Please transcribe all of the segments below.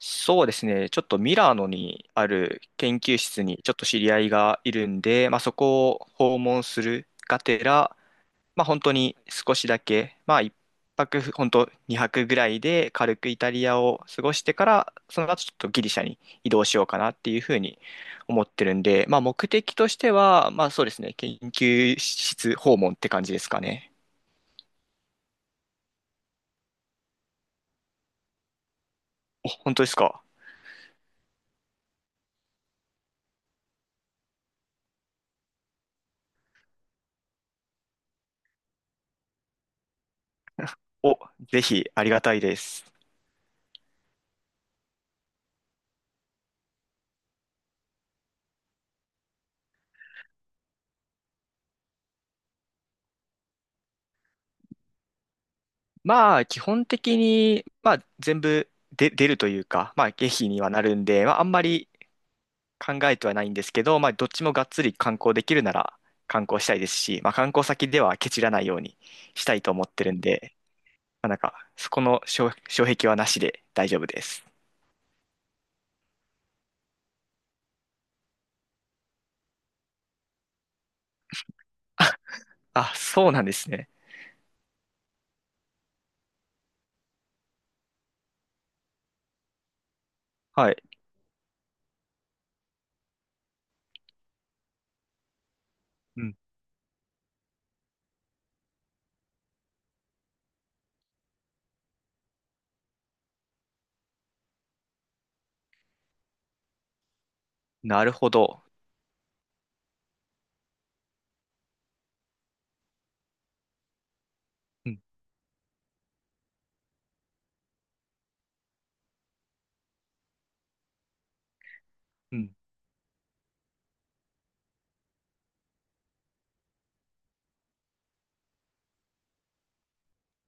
そうですね。ちょっとミラノにある研究室にちょっと知り合いがいるんで、そこを訪問するがてら、本当に少しだけ、一泊、本当2泊ぐらいで軽くイタリアを過ごしてから、その後ちょっとギリシャに移動しようかなっていうふうに思ってるんで、目的としては、そうですね。研究室訪問って感じですかね。お、本当ですか。お、ぜひありがたいです。基本的に、全部で出るというか、経費にはなるんで、あんまり考えてはないんですけど、どっちもがっつり観光できるなら観光したいですし、観光先ではケチらないようにしたいと思ってるんで、そこの障、障壁はなしで大丈夫です。あ、そうなんですね。はい。うん。なるほど。うんうん。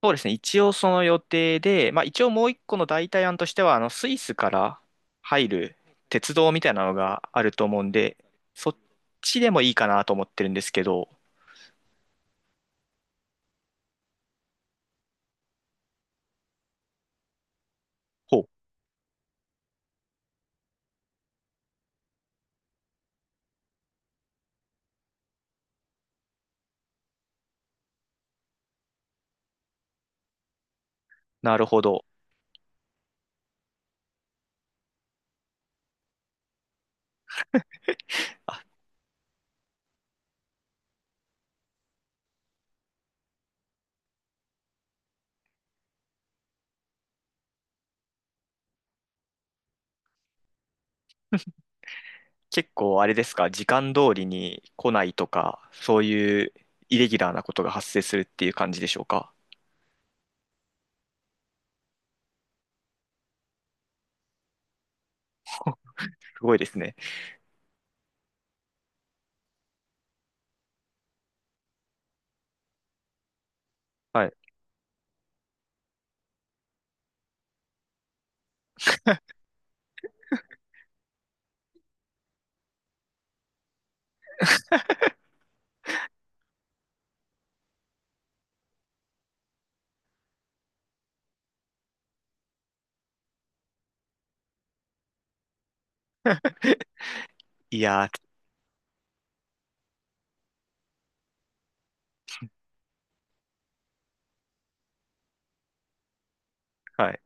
そうですね。一応その予定で、まあ一応もう一個の代替案としては、スイスから入る鉄道みたいなのがあると思うんで、そっちでもいいかなと思ってるんですけど、ほう、なるほど。結構あれですか、時間通りに来ないとか、そういうイレギュラーなことが発生するっていう感じでしょうか。すごいですね。はい。いやー、はい。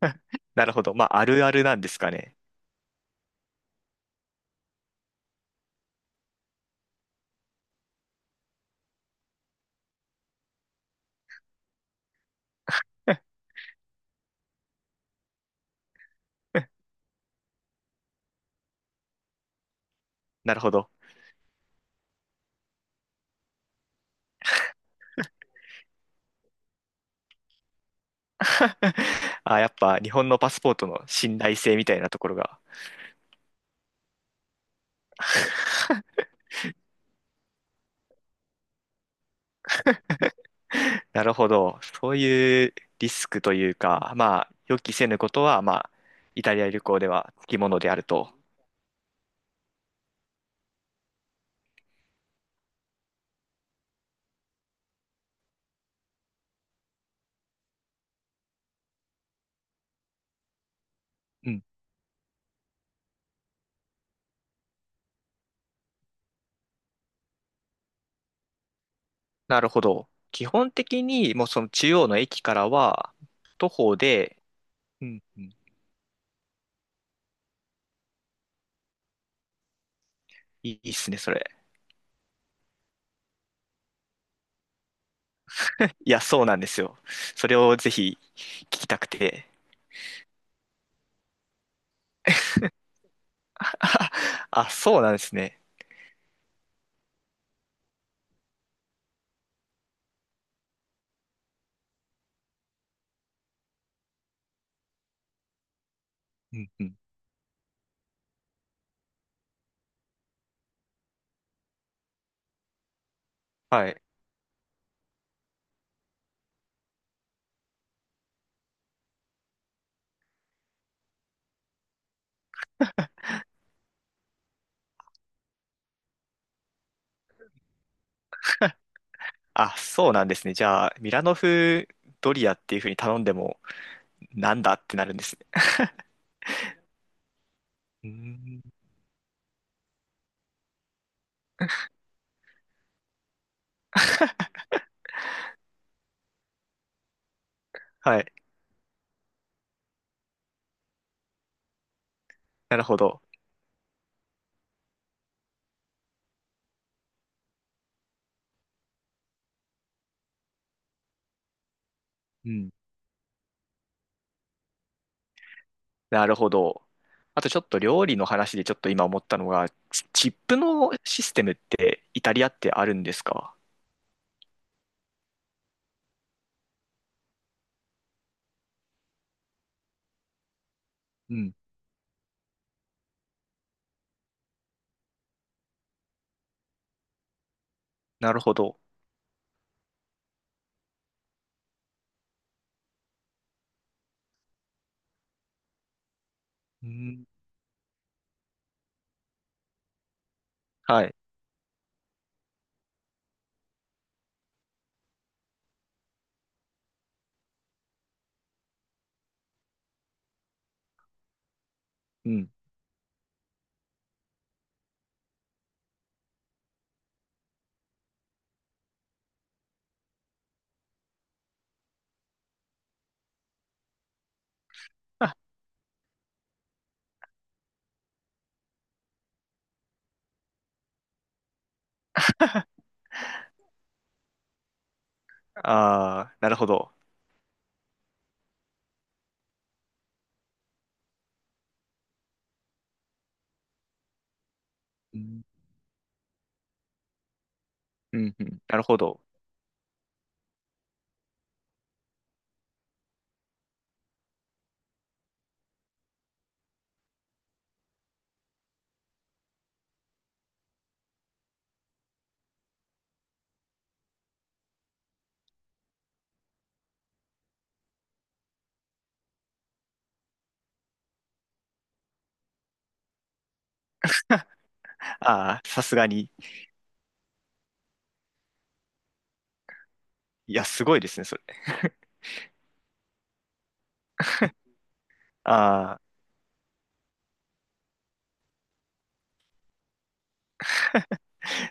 なるほど。まああるあるなんですかね。なるほど。あ、やっぱ日本のパスポートの信頼性みたいなところが。なるほど。そういうリスクというか、予期せぬことは、イタリア旅行ではつきものであると。うん。なるほど。基本的に、もうその中央の駅からは、徒歩で、うんうん。いいいいっすね、それ。いや、そうなんですよ。それをぜひ聞きたくて。あ、そうなんですね。うんうん。はい。あ、そうなんですね。じゃあ、ミラノ風ドリアっていう風に頼んでも、なんだってなるんですね。うーん。はい。なるほど。うん。なるほど。あとちょっと料理の話でちょっと今思ったのが、チップのシステムってイタリアってあるんですか？うん。なるほど。うん。はい。うん。ああー、なるほど。うん。うんうん。なるほど。ああ、さすがに。いや、すごいですね、それ。ああ。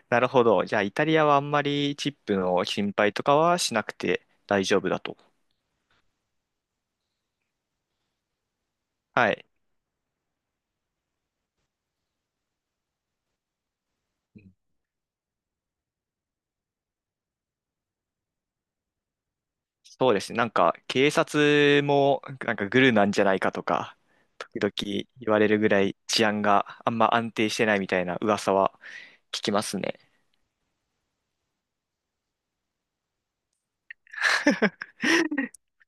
なるほど。じゃあ、イタリアはあんまりチップの心配とかはしなくて大丈夫だと。はい。うん。そうですね。なんか、警察も、なんかグルなんじゃないかとか、時々言われるぐらい治安があんま安定してないみたいな噂は聞きますね。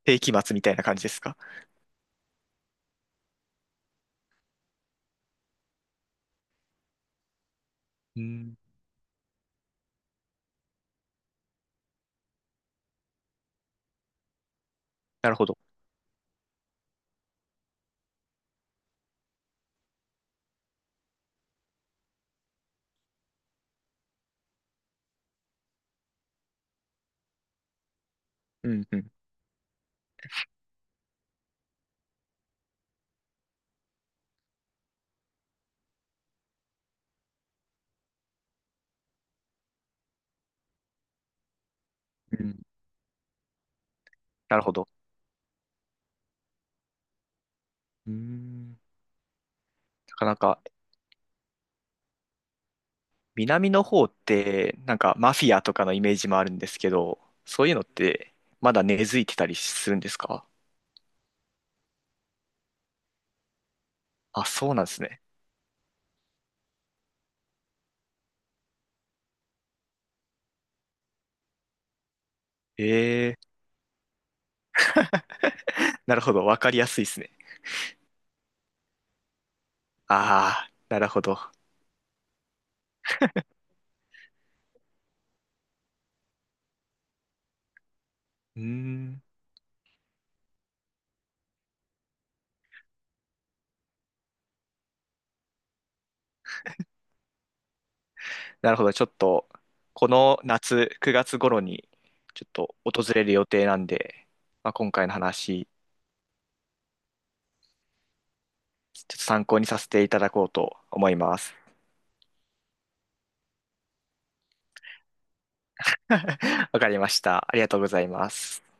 世紀末みたいな感じですか？うん。なるほど。うんうん。うん。なるほど。うん。なかなか南の方って、なんかマフィアとかのイメージもあるんですけど、そういうのってまだ根付いてたりするんですか？あ、そうなんですね。ええ、なるほど。わかりやすいですね。ああ、なるほど。うーん。なるほど。ちょっと、この夏、9月頃に、ちょっと訪れる予定なんで、まあ、今回の話、ちょっと参考にさせていただこうと思います。わかりました。ありがとうございます。